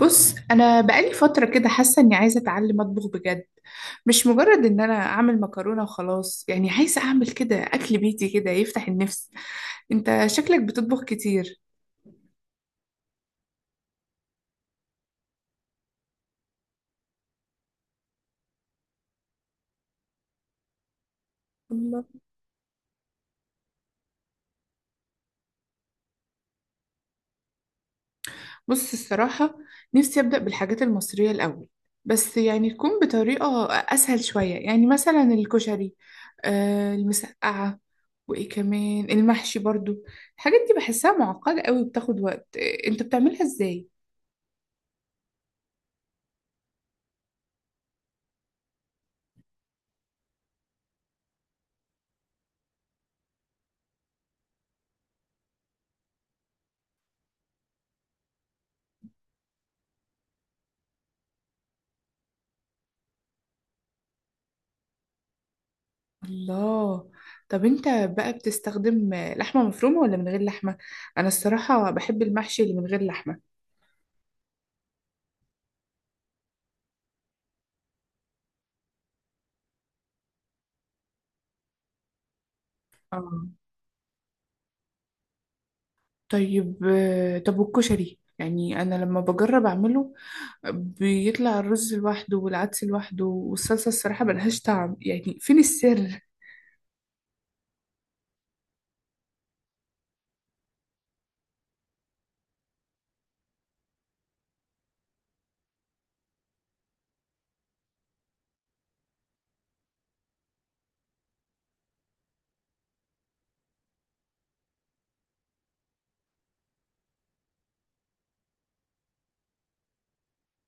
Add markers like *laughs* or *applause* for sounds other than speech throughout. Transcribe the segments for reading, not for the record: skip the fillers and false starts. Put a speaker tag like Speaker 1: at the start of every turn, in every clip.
Speaker 1: بص انا بقالي فتره كده حاسه اني عايزه اتعلم اطبخ بجد. مش مجرد ان انا اعمل مكرونه وخلاص، يعني عايزه اعمل كده اكل بيتي كده يفتح النفس. انت شكلك بتطبخ كتير؟ الله. بص الصراحة، نفسي أبدأ بالحاجات المصرية الأول، بس يعني تكون بطريقة أسهل شوية، يعني مثلا الكشري، المسقعة، وإيه كمان المحشي برضو. الحاجات دي بحسها معقدة قوي وبتاخد وقت، أنت بتعملها إزاي؟ الله. طب أنت بقى بتستخدم لحمة مفرومة ولا من غير لحمة؟ أنا الصراحة بحب المحشي اللي من غير لحمة. آه. طيب، طب والكشري؟ يعني أنا لما بجرب أعمله بيطلع الرز لوحده والعدس لوحده، والصلصة الصراحة ملهاش طعم، يعني فين السر؟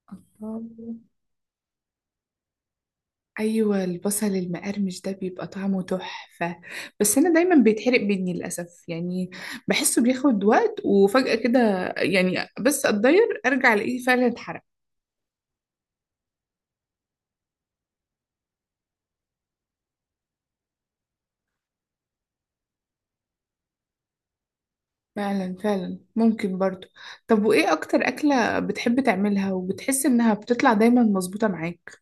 Speaker 1: الله. أيوة، البصل المقرمش ده بيبقى طعمه تحفة، بس أنا دايما بيتحرق مني للأسف، يعني بحسه بياخد وقت وفجأة كده، يعني بس أتضير أرجع ألاقيه فعلا اتحرق. فعلا فعلا ممكن برضو. طب وإيه أكتر أكلة بتحب تعملها وبتحس إنها بتطلع دايما مظبوطة معاك؟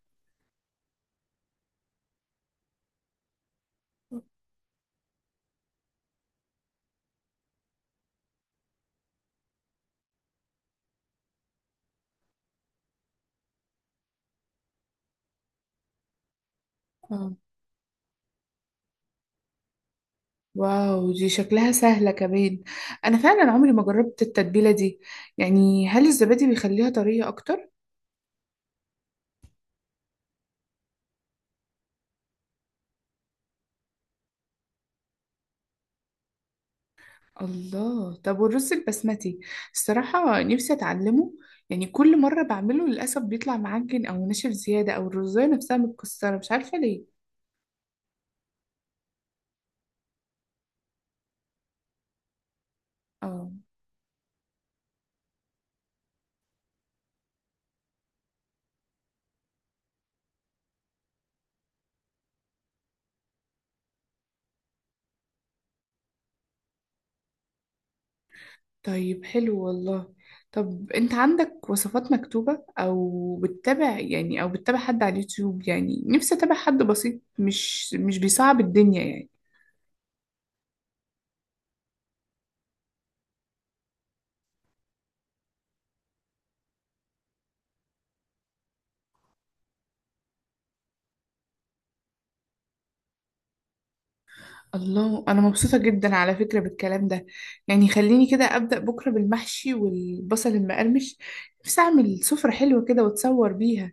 Speaker 1: واو، دي شكلها سهلة كمان، أنا فعلا عمري ما جربت التتبيلة دي، يعني هل الزبادي بيخليها طرية أكتر؟ الله، طب والرز البسمتي، الصراحة نفسي أتعلمه، يعني كل مرة بعمله للأسف بيطلع معجن أو ناشف زيادة أو الرزاية نفسها متكسرة، مش عارفة ليه. اه. طيب حلو والله، طب أنت عندك وصفات مكتوبة أو بتتابع حد على اليوتيوب، يعني نفسي أتابع حد بسيط، مش بيصعب الدنيا يعني. الله، انا مبسوطه جدا على فكره بالكلام ده، يعني خليني كده ابدا بكره بالمحشي والبصل المقرمش، نفسي اعمل سفره حلوه كده واتصور بيها.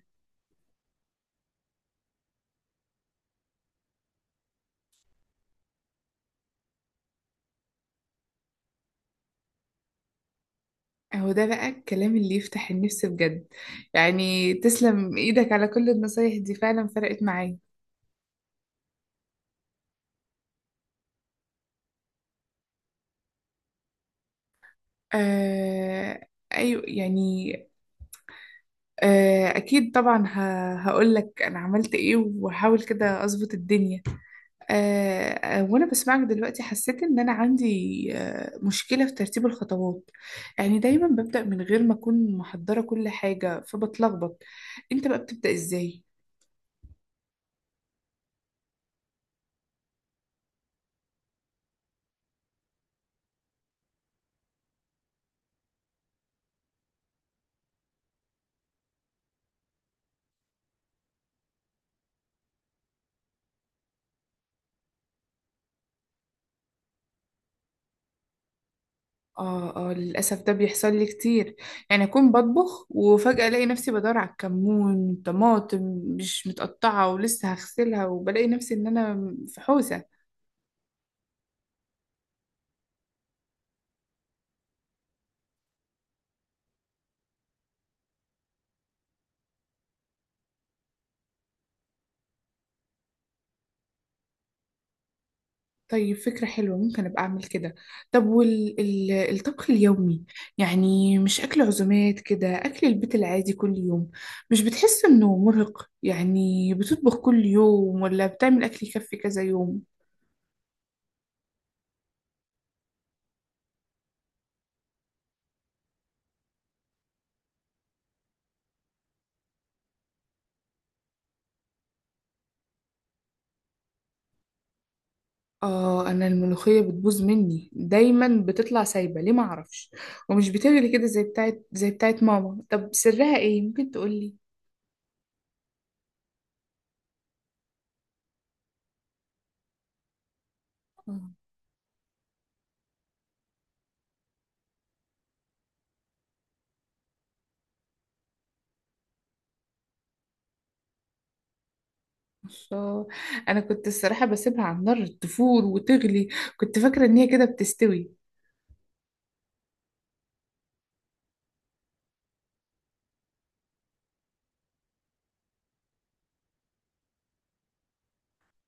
Speaker 1: اهو ده بقى الكلام اللي يفتح النفس بجد، يعني تسلم ايدك على كل النصايح دي، فعلا فرقت معايا. آه. ايوه يعني. آه اكيد طبعا. هقول لك انا عملت ايه وهحاول كده اظبط الدنيا. وانا بسمعك دلوقتي حسيت ان انا عندي مشكلة في ترتيب الخطوات، يعني دايما ببدأ من غير ما اكون محضرة كل حاجة فبتلخبط، انت بقى بتبدأ ازاي؟ اه اه، للأسف ده بيحصل لي كتير، يعني اكون بطبخ وفجأة الاقي نفسي بدور على الكمون، طماطم مش متقطعة ولسه هغسلها، وبلاقي نفسي ان انا في حوسة. طيب فكرة حلوة، ممكن أبقى أعمل كده. طب والطبخ اليومي، يعني مش أكل عزومات كده، أكل البيت العادي كل يوم، مش بتحس إنه مرهق؟ يعني بتطبخ كل يوم ولا بتعمل أكل يكفي كذا يوم؟ آه، أنا الملوخية بتبوظ مني دايما، بتطلع سايبة ليه معرفش، ومش بتغلي كده زي بتاعت ماما، طب سرها إيه ممكن تقولي؟ آه، الله، أنا كنت الصراحة بسيبها على النار تفور وتغلي، كنت فاكرة إن هي كده بتستوي.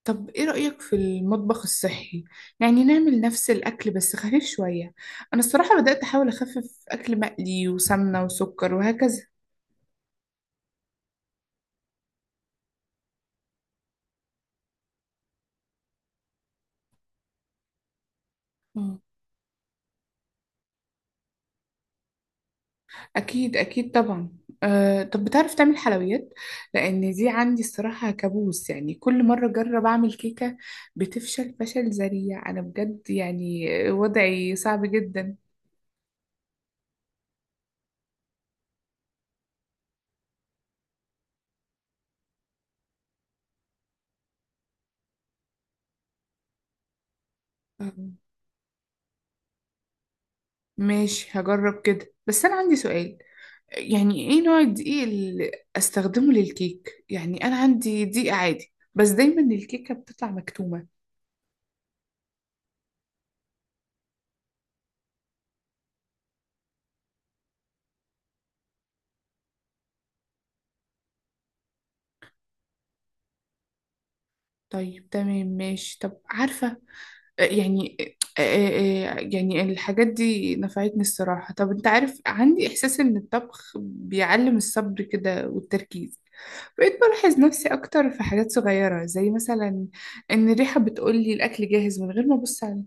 Speaker 1: طب ايه رأيك في المطبخ الصحي؟ يعني نعمل نفس الاكل بس خفيف شوية، انا الصراحة بدأت احاول اخفف اكل مقلي وسمنة وسكر وهكذا. مم. اكيد اكيد طبعا. أه طب بتعرف تعمل حلويات؟ لان دي عندي الصراحة كابوس، يعني كل مرة اجرب اعمل كيكة بتفشل فشل ذريع، انا بجد يعني وضعي صعب جدا. مم. ماشي هجرب كده، بس انا عندي سؤال، يعني ايه نوع الدقيق اللي استخدمه للكيك؟ يعني انا عندي دقيق عادي بس دايما الكيكة بتطلع مكتومة. طيب تمام ماشي، طب عارفة، يعني يعني الحاجات دي نفعتني الصراحة. طب انت عارف عندي احساس ان الطبخ بيعلم الصبر كده والتركيز، بقيت بلاحظ نفسي اكتر في حاجات صغيرة زي مثلا ان الريحة بتقولي الاكل جاهز من غير ما ابص على.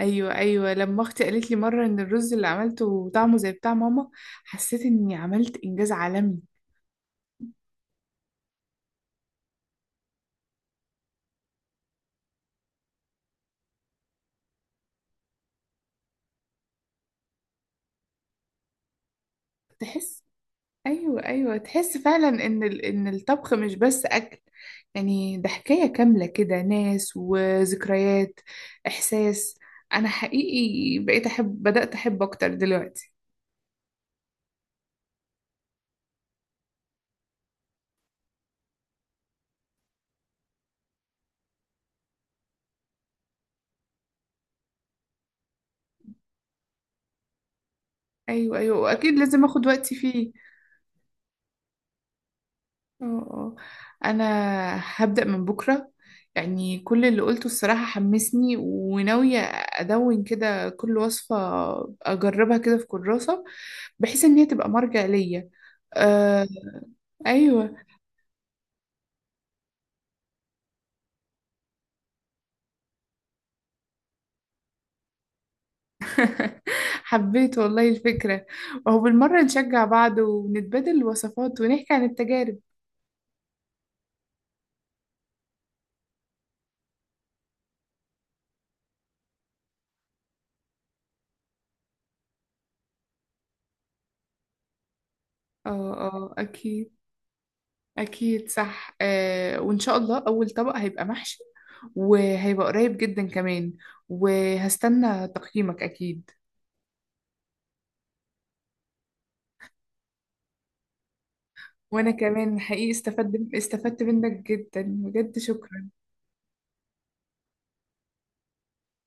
Speaker 1: ايوه ايوه لما اختي قالت لي مره ان الرز اللي عملته طعمه زي بتاع ماما، حسيت اني عملت انجاز عالمي. تحس، ايوه ايوه تحس فعلا ان ان الطبخ مش بس اكل، يعني ده حكايه كامله كده، ناس وذكريات، احساس. انا حقيقي بقيت احب بدات احب اكتر دلوقتي. ايوه ايوه واكيد لازم اخد وقتي فيه. اه اه انا هبدأ من بكرة، يعني كل اللي قلته الصراحة حمسني، وناوية ادون كده كل وصفة اجربها كده في كراسة، بحيث ان هي تبقى مرجع ليا. آه. ايوه. *laughs* حبيت والله الفكرة، وهو بالمرة نشجع بعض ونتبادل الوصفات ونحكي عن التجارب. اه اه اكيد اكيد صح. آه وان شاء الله اول طبق هيبقى محشي، وهيبقى قريب جدا كمان، وهستنى تقييمك أكيد. وأنا كمان حقيقي استفدت منك جدا بجد شكرا.